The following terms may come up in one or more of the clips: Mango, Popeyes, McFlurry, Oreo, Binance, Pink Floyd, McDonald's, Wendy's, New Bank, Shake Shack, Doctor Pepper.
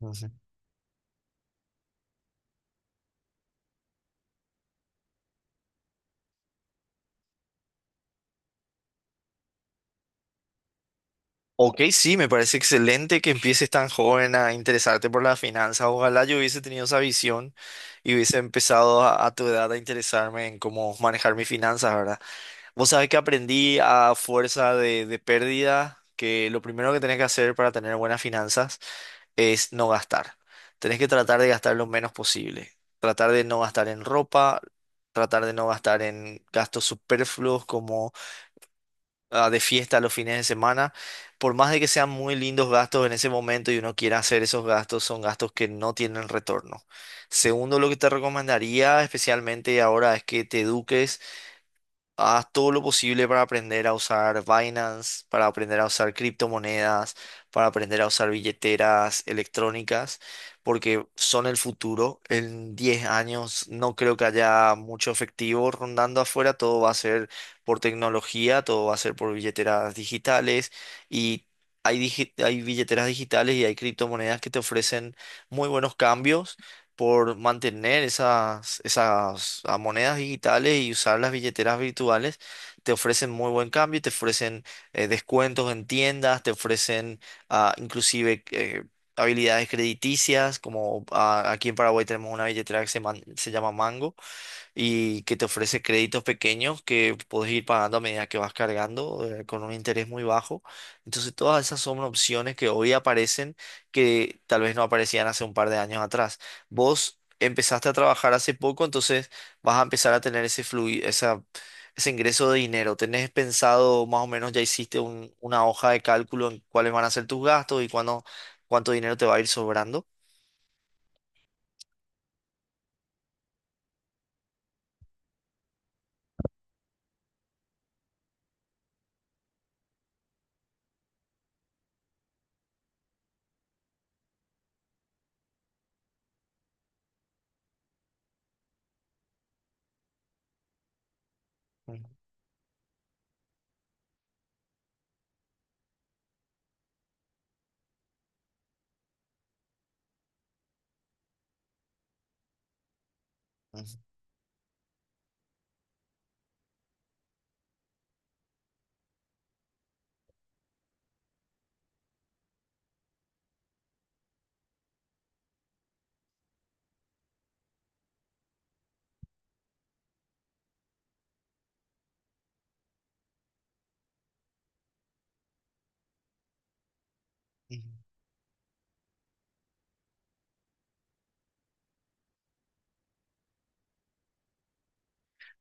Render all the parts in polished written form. No sé. Ok, sí, me parece excelente que empieces tan joven a interesarte por las finanzas. Ojalá yo hubiese tenido esa visión y hubiese empezado a tu edad a interesarme en cómo manejar mis finanzas, ¿verdad? Vos sabés que aprendí a fuerza de pérdida que lo primero que tenés que hacer para tener buenas finanzas es no gastar. Tenés que tratar de gastar lo menos posible. Tratar de no gastar en ropa, tratar de no gastar en gastos superfluos como de fiesta los fines de semana, por más de que sean muy lindos gastos en ese momento y uno quiera hacer esos gastos, son gastos que no tienen retorno. Segundo, lo que te recomendaría especialmente ahora es que te eduques. Haz todo lo posible para aprender a usar Binance, para aprender a usar criptomonedas, para aprender a usar billeteras electrónicas, porque son el futuro. En 10 años no creo que haya mucho efectivo rondando afuera. Todo va a ser por tecnología, todo va a ser por billeteras digitales y hay billeteras digitales y hay criptomonedas que te ofrecen muy buenos cambios por mantener esas monedas digitales y usar las billeteras virtuales, te ofrecen muy buen cambio, te ofrecen descuentos en tiendas, te ofrecen inclusive habilidades crediticias, como aquí en Paraguay tenemos una billetera que se llama Mango y que te ofrece créditos pequeños que puedes ir pagando a medida que vas cargando con un interés muy bajo. Entonces, todas esas son opciones que hoy aparecen que tal vez no aparecían hace un par de años atrás. Vos empezaste a trabajar hace poco, entonces vas a empezar a tener ese ingreso de dinero. ¿Tenés pensado más o menos, ya hiciste una hoja de cálculo en cuáles van a ser tus gastos y cuándo, cuánto dinero te va a ir sobrando? Ujú, ujú, ujú.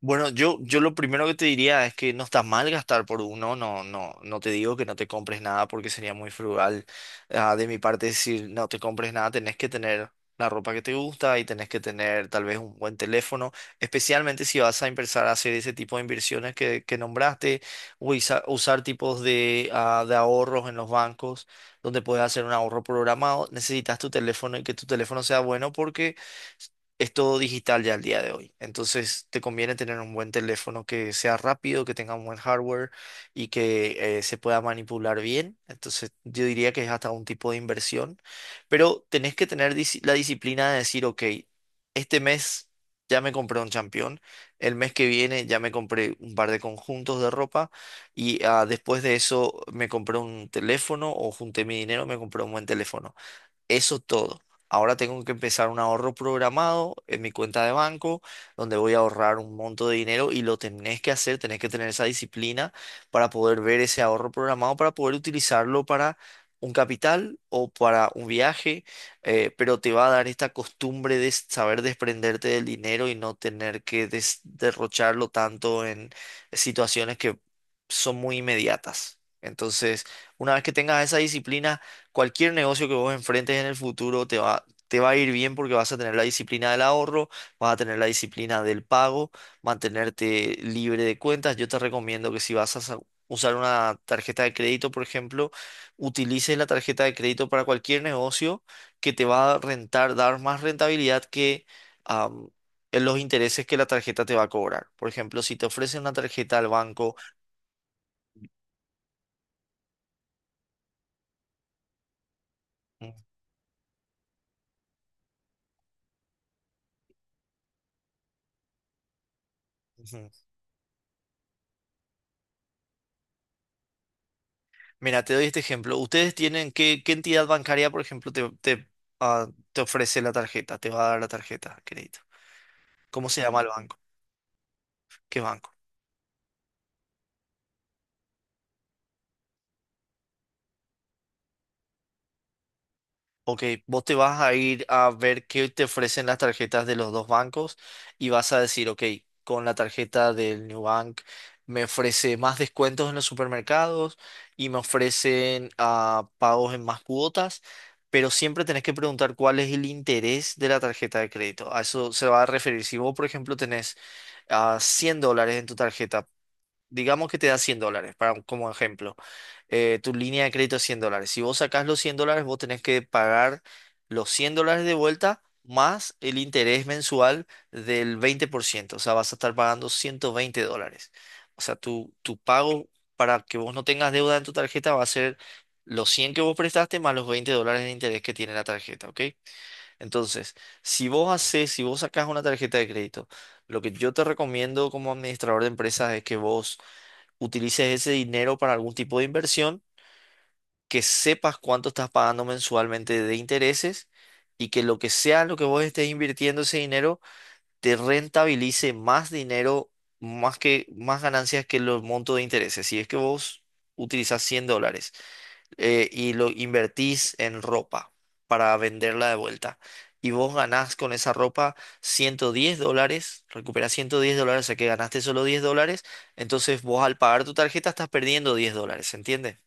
Bueno, yo lo primero que te diría es que no está mal gastar por uno, no, no, no te digo que no te compres nada porque sería muy frugal de mi parte decir no te compres nada, tenés que tener la ropa que te gusta y tenés que tener tal vez un buen teléfono, especialmente si vas a empezar a hacer ese tipo de inversiones que nombraste, o usar tipos de ahorros en los bancos donde puedes hacer un ahorro programado, necesitas tu teléfono y que tu teléfono sea bueno porque es todo digital ya al día de hoy. Entonces te conviene tener un buen teléfono que sea rápido, que tenga un buen hardware y que se pueda manipular bien. Entonces yo diría que es hasta un tipo de inversión, pero tenés que tener la disciplina de decir, ok, este mes ya me compré un champión, el mes que viene ya me compré un par de conjuntos de ropa y después de eso me compré un teléfono o junté mi dinero, me compré un buen teléfono. Eso todo. Ahora tengo que empezar un ahorro programado en mi cuenta de banco, donde voy a ahorrar un monto de dinero y lo tenés que hacer, tenés que tener esa disciplina para poder ver ese ahorro programado, para poder utilizarlo para un capital o para un viaje, pero te va a dar esta costumbre de saber desprenderte del dinero y no tener que derrocharlo tanto en situaciones que son muy inmediatas. Entonces, una vez que tengas esa disciplina, cualquier negocio que vos enfrentes en el futuro te va a ir bien porque vas a tener la disciplina del ahorro, vas a tener la disciplina del pago, mantenerte libre de cuentas. Yo te recomiendo que si vas a usar una tarjeta de crédito, por ejemplo, utilices la tarjeta de crédito para cualquier negocio que te va a rentar, dar más rentabilidad que... am, en los intereses que la tarjeta te va a cobrar. Por ejemplo, si te ofrecen una tarjeta al banco. Ujú. Mira, te doy este ejemplo. ¿Ustedes tienen qué, qué entidad bancaria, por ejemplo, ah, te ofrece la tarjeta, te va a dar la tarjeta de crédito? ¿Cómo se llama el banco? ¿Qué banco? Ok, vos te vas a ir a ver qué te ofrecen las tarjetas de los dos bancos y vas a decir, ok, con la tarjeta del New Bank me ofrece más descuentos en los supermercados y me ofrecen pagos en más cuotas, pero siempre tenés que preguntar cuál es el interés de la tarjeta de crédito. A eso se va a referir. Si vos, por ejemplo, tenés a 100 dólares en tu tarjeta. Digamos que te da 100 dólares, para, como ejemplo. Tu línea de crédito es 100 dólares. Si vos sacás los 100 dólares, vos tenés que pagar los 100 dólares de vuelta más el interés mensual del 20%. O sea, vas a estar pagando 120 dólares. O sea, tu pago para que vos no tengas deuda en tu tarjeta va a ser los 100 que vos prestaste más los 20 dólares de interés que tiene la tarjeta, ¿ok? Entonces, si vos haces, si vos sacás una tarjeta de crédito, lo que yo te recomiendo como administrador de empresas es que vos utilices ese dinero para algún tipo de inversión, que sepas cuánto estás pagando mensualmente de intereses y que lo que sea lo que vos estés invirtiendo ese dinero te rentabilice más dinero, más que más ganancias que los montos de intereses. Si es que vos utilizás 100 dólares y lo invertís en ropa para venderla de vuelta. Y vos ganás con esa ropa 110 dólares, recuperás 110 dólares, o sea que ganaste solo 10 dólares, entonces vos al pagar tu tarjeta estás perdiendo 10 dólares, ¿entiendes?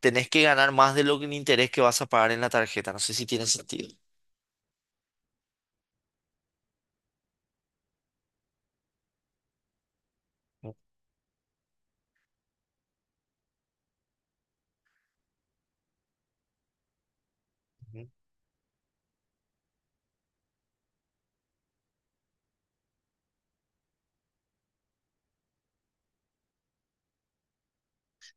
Tenés que ganar más de lo que el interés que vas a pagar en la tarjeta, no sé si tiene sentido. Ujú.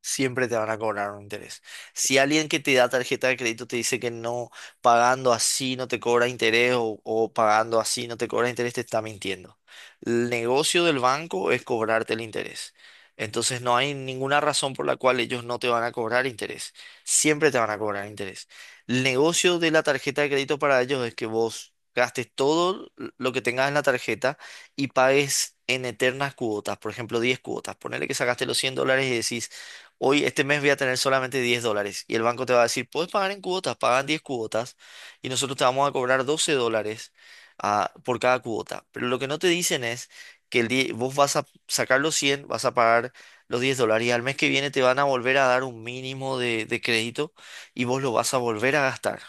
Siempre te van a cobrar un interés. Si alguien que te da tarjeta de crédito te dice que no, pagando así no te cobra interés o pagando así no te cobra interés, te está mintiendo. El negocio del banco es cobrarte el interés. Entonces no hay ninguna razón por la cual ellos no te van a cobrar interés. Siempre te van a cobrar interés. El negocio de la tarjeta de crédito para ellos es que vos gastes todo lo que tengas en la tarjeta y pagues en eternas cuotas, por ejemplo, 10 cuotas. Ponele que sacaste los 100 dólares y decís, hoy este mes voy a tener solamente 10 dólares. Y el banco te va a decir, puedes pagar en cuotas, pagan 10 cuotas y nosotros te vamos a cobrar 12 dólares por cada cuota. Pero lo que no te dicen es que vos vas a sacar los 100, vas a pagar los 10 dólares y al mes que viene te van a volver a dar un mínimo de crédito y vos lo vas a volver a gastar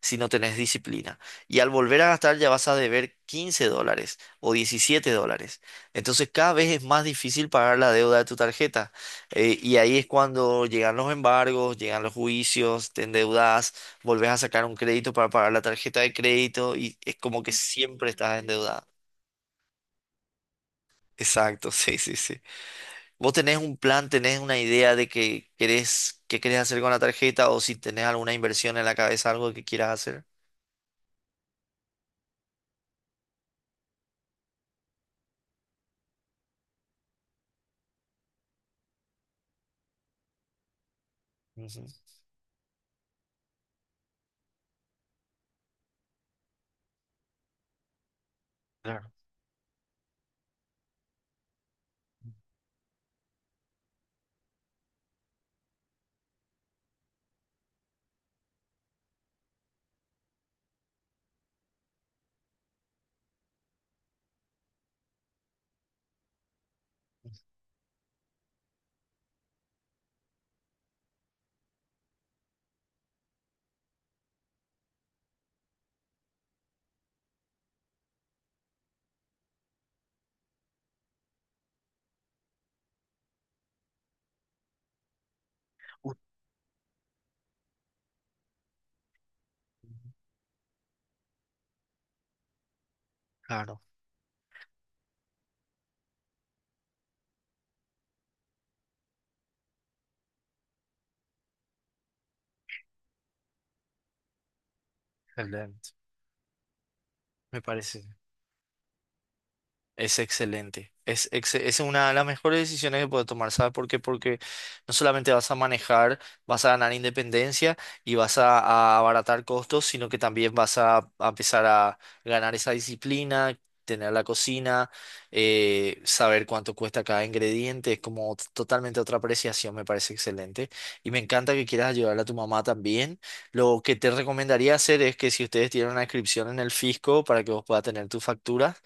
si no tenés disciplina. Y al volver a gastar ya vas a deber 15 dólares o 17 dólares. Entonces cada vez es más difícil pagar la deuda de tu tarjeta. Y ahí es cuando llegan los embargos, llegan los juicios, te endeudas, volvés a sacar un crédito para pagar la tarjeta de crédito y es como que siempre estás endeudado. Exacto, sí, sí, sí. ¿Vos tenés un plan, tenés una idea de qué querés hacer con la tarjeta o si tenés alguna inversión en la cabeza, algo que quieras hacer? Ujú. Claro. Uh. Claro, excelente. Me parece. Es excelente. Es, es una de las mejores decisiones que puedes tomar, ¿sabes por qué? Porque no solamente vas a manejar, vas a ganar independencia y vas a abaratar costos, sino que también vas a empezar a ganar esa disciplina, tener la cocina, saber cuánto cuesta cada ingrediente. Es como totalmente otra apreciación, me parece excelente. Y me encanta que quieras ayudar a tu mamá también. Lo que te recomendaría hacer es que si ustedes tienen una inscripción en el fisco para que vos puedas tener tu factura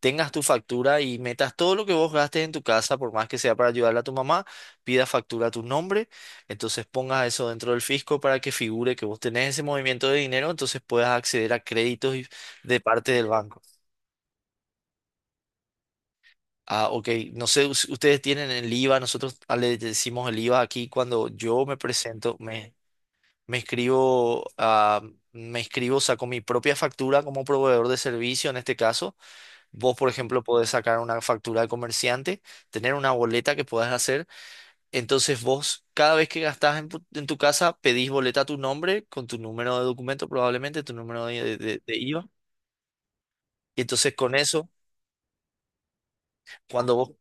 tengas tu factura y metas todo lo que vos gastes en tu casa, por más que sea para ayudarle a tu mamá, pidas factura a tu nombre, entonces pongas eso dentro del fisco para que figure que vos tenés ese movimiento de dinero, entonces puedas acceder a créditos y de parte del banco. Ah, ok, no sé, ustedes tienen el IVA, nosotros le decimos el IVA aquí cuando yo me presento, me escribo, ah, me escribo, saco mi propia factura como proveedor de servicio en este caso. Vos, por ejemplo, podés sacar una factura de comerciante, tener una boleta que puedas hacer. Entonces vos, cada vez que gastás en tu casa, pedís boleta a tu nombre, con tu número de documento probablemente, tu número de IVA. Y entonces con eso, cuando vos,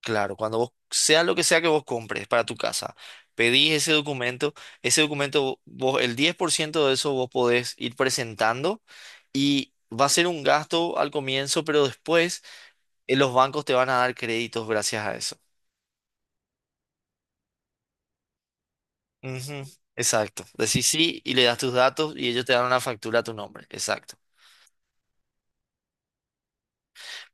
claro, cuando vos, sea lo que sea que vos compres para tu casa, pedís ese documento, vos, el 10% de eso vos podés ir presentando y va a ser un gasto al comienzo, pero después los bancos te van a dar créditos gracias a eso. Ujú. Exacto. Decís sí y le das tus datos y ellos te dan una factura a tu nombre. Exacto.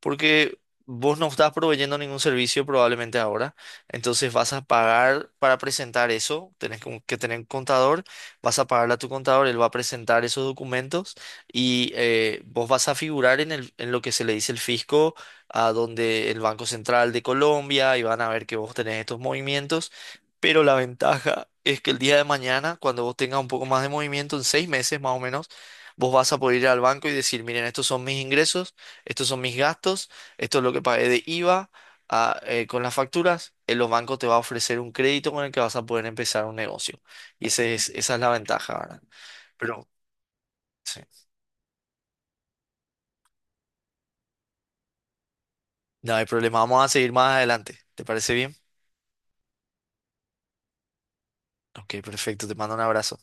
Porque vos no estás proveyendo ningún servicio probablemente ahora, entonces vas a pagar para presentar eso, tenés como que tener un contador, vas a pagarle a tu contador, él va a presentar esos documentos y vos vas a figurar en lo que se le dice el fisco, a donde el Banco Central de Colombia y van a ver que vos tenés estos movimientos, pero la ventaja es que el día de mañana, cuando vos tengas un poco más de movimiento, en 6 meses más o menos, vos vas a poder ir al banco y decir, miren, estos son mis ingresos, estos son mis gastos, esto es lo que pagué de IVA con las facturas. En los bancos te va a ofrecer un crédito con el que vas a poder empezar un negocio. Y esa es la ventaja, ¿verdad? Pero sí, no hay problema, vamos a seguir más adelante. ¿Te parece bien? Ok, perfecto, te mando un abrazo.